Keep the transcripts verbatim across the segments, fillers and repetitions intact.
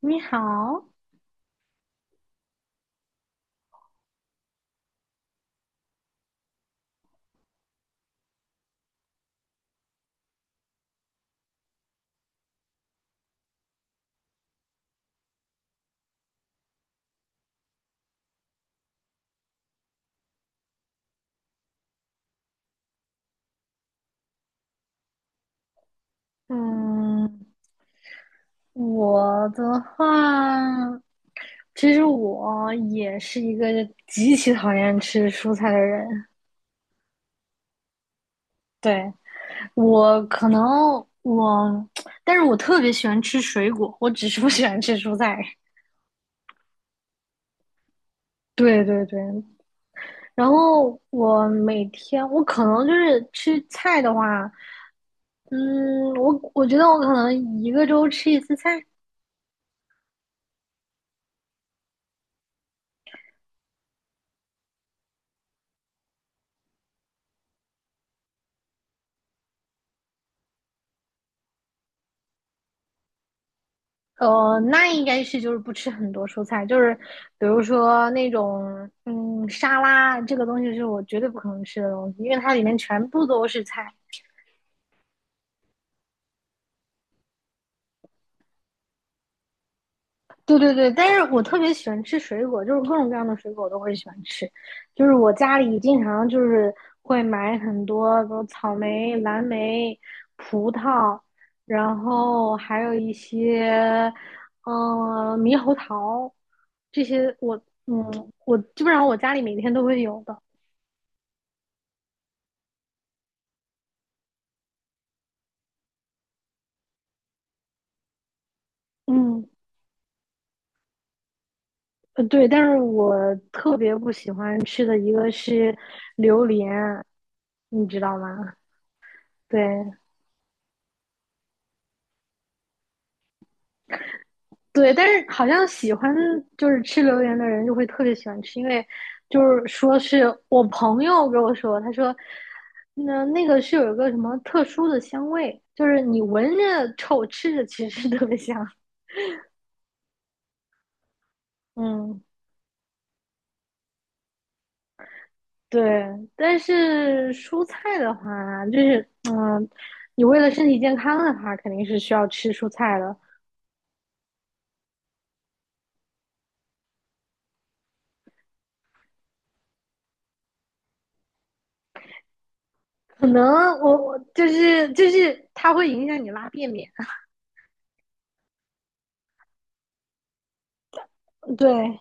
你好。嗯，我的话，其实我也是一个极其讨厌吃蔬菜的人。对，我可能我，但是我特别喜欢吃水果，我只是不喜欢吃蔬菜。对对对，然后我每天我可能就是吃菜的话，嗯，我我觉得我可能一个周吃一次菜。呃，那应该是就是不吃很多蔬菜，就是比如说那种嗯沙拉这个东西是我绝对不可能吃的东西，因为它里面全部都是菜。对对对，但是我特别喜欢吃水果，就是各种各样的水果我都会喜欢吃。就是我家里经常就是会买很多，比如草莓、蓝莓、葡萄，然后还有一些，嗯、猕猴桃，这些我，嗯，我基本上我家里每天都会有的。嗯，呃对，但是我特别不喜欢吃的一个是榴莲，你知道吗？对。对，但是好像喜欢就是吃榴莲的人就会特别喜欢吃，因为就是说是我朋友给我说，他说那那个是有一个什么特殊的香味，就是你闻着臭，吃着其实 特别香。嗯，对。但是蔬菜的话，就是嗯，你为了身体健康的话，肯定是需要吃蔬菜的。可能我我就是就是它会影响你拉便便。对。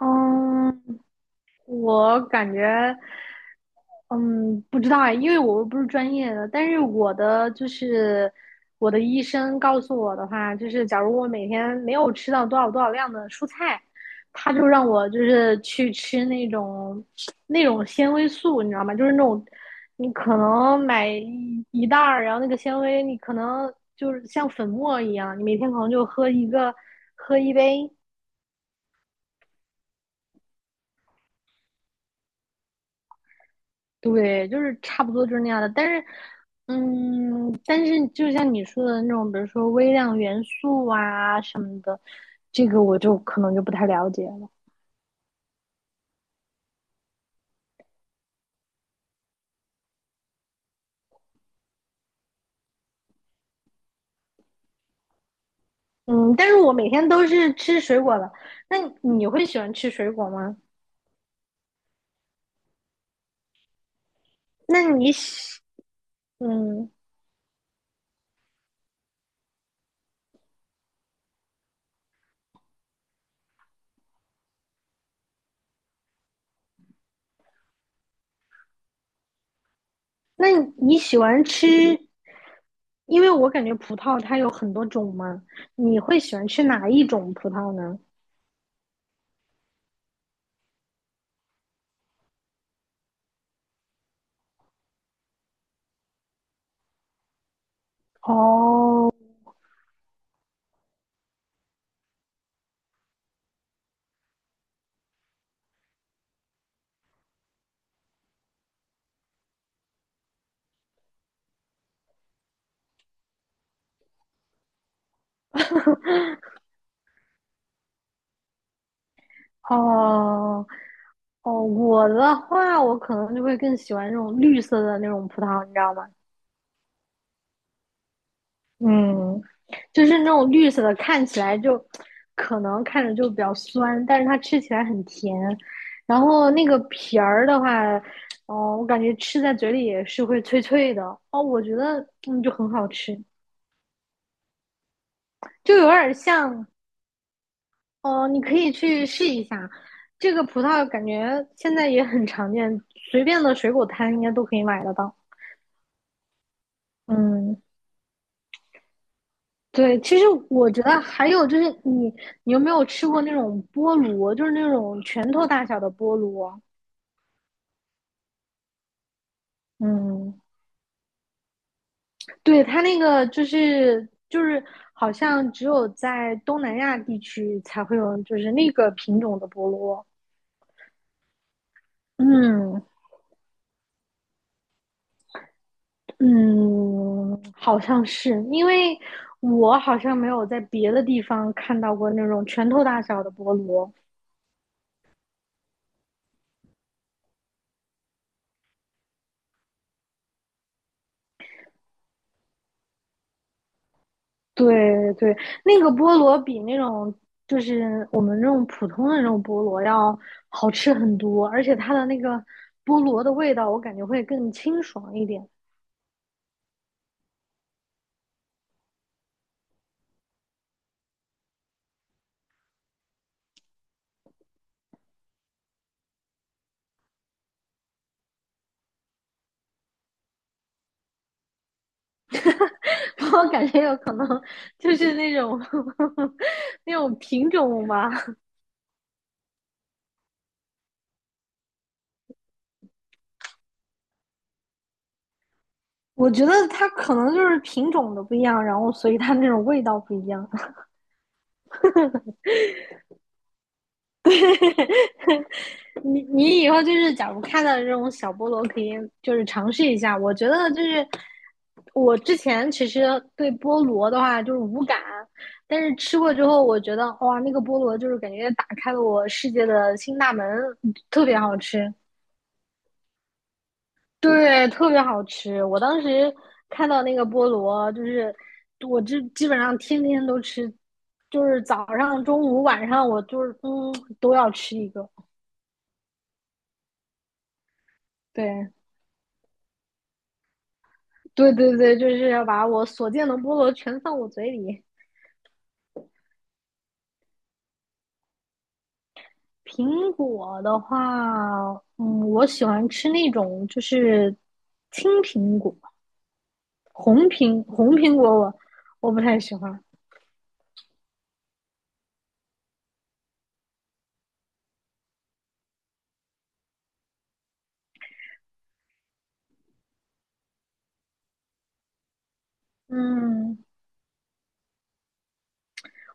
嗯，我感觉。嗯，不知道哎，因为我不是专业的，但是我的就是我的医生告诉我的话，就是假如我每天没有吃到多少多少量的蔬菜，他就让我就是去吃那种那种纤维素，你知道吗？就是那种你可能买一一袋儿，然后那个纤维你可能就是像粉末一样，你每天可能就喝一个喝一杯。对，就是差不多就是那样的。但是，嗯，但是就像你说的那种，比如说微量元素啊什么的，这个我就可能就不太了解了。嗯，但是我每天都是吃水果的。那你会喜欢吃水果吗？那你喜，嗯，那你喜欢吃？因为我感觉葡萄它有很多种嘛，你会喜欢吃哪一种葡萄呢？哦。哦。哦，我的话，我可能就会更喜欢那种绿色的那种葡萄，你知道吗？嗯，就是那种绿色的，看起来就可能看着就比较酸，但是它吃起来很甜。然后那个皮儿的话，哦，我感觉吃在嘴里也是会脆脆的。哦，我觉得嗯就很好吃，就有点像哦，你可以去试一下。这个葡萄感觉现在也很常见，随便的水果摊应该都可以买得到。嗯，对，其实我觉得还有就是你，你有没有吃过那种菠萝，就是那种拳头大小的菠萝？嗯，对，它那个就是就是好像只有在东南亚地区才会有，就是那个品种的菠萝。嗯，嗯，好像是，因为我好像没有在别的地方看到过那种拳头大小的菠萝。对对，那个菠萝比那种就是我们这种普通的那种菠萝要好吃很多，而且它的那个菠萝的味道，我感觉会更清爽一点。我感觉有可能就是那种 那种品种吧。我觉得它可能就是品种的不一样，然后所以它那种味道不一样。你你以后就是，假如看到这种小菠萝，可以就是尝试一下。我觉得就是我之前其实对菠萝的话就是无感，但是吃过之后，我觉得哇，那个菠萝就是感觉打开了我世界的新大门，特别好吃。对，特别好吃。我当时看到那个菠萝，就是我这基本上天天都吃，就是早上、中午、晚上，我就是嗯都要吃一个。对，对对对，就是要把我所见的菠萝全放我嘴里。苹果的话，嗯，我喜欢吃那种就是青苹果，红苹红苹果我我不太喜欢。嗯，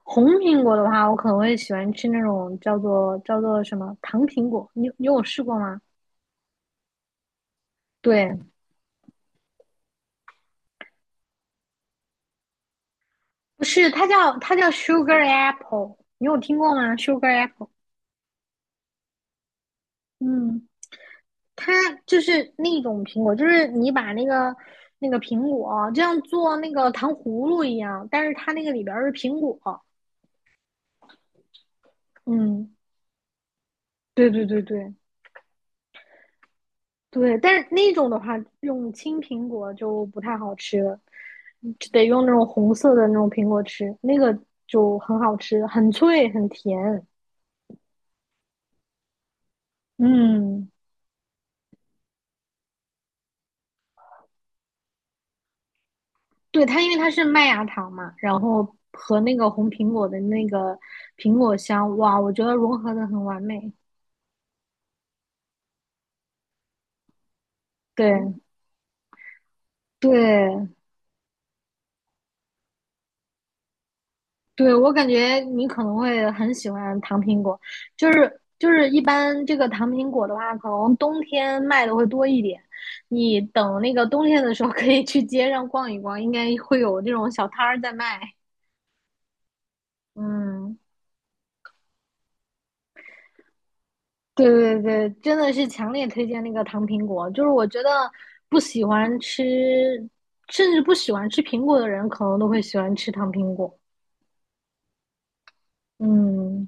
红苹果的话，我可能会喜欢吃那种叫做叫做什么糖苹果。你你有试过吗？对，不是，它叫它叫 sugar apple,你有听过吗？sugar apple。嗯，它就是那种苹果，就是你把那个那个苹果就像做那个糖葫芦一样，但是它那个里边儿是苹果。嗯，对对对对对，但是那种的话，用青苹果就不太好吃了，就得用那种红色的那种苹果吃，那个就很好吃，很脆很甜。嗯，对，它因为它是麦芽糖嘛，然后和那个红苹果的那个苹果香，哇，我觉得融合的很完美。对对，对，我感觉你可能会很喜欢糖苹果，就是就是一般这个糖苹果的话，可能冬天卖的会多一点。你等那个冬天的时候，可以去街上逛一逛，应该会有这种小摊儿在卖。嗯，对对对，真的是强烈推荐那个糖苹果。就是我觉得不喜欢吃，甚至不喜欢吃苹果的人，可能都会喜欢吃糖苹果。嗯。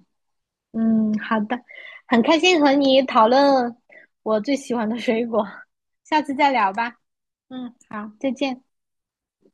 嗯，好的，很开心和你讨论我最喜欢的水果，下次再聊吧。嗯，好，再见。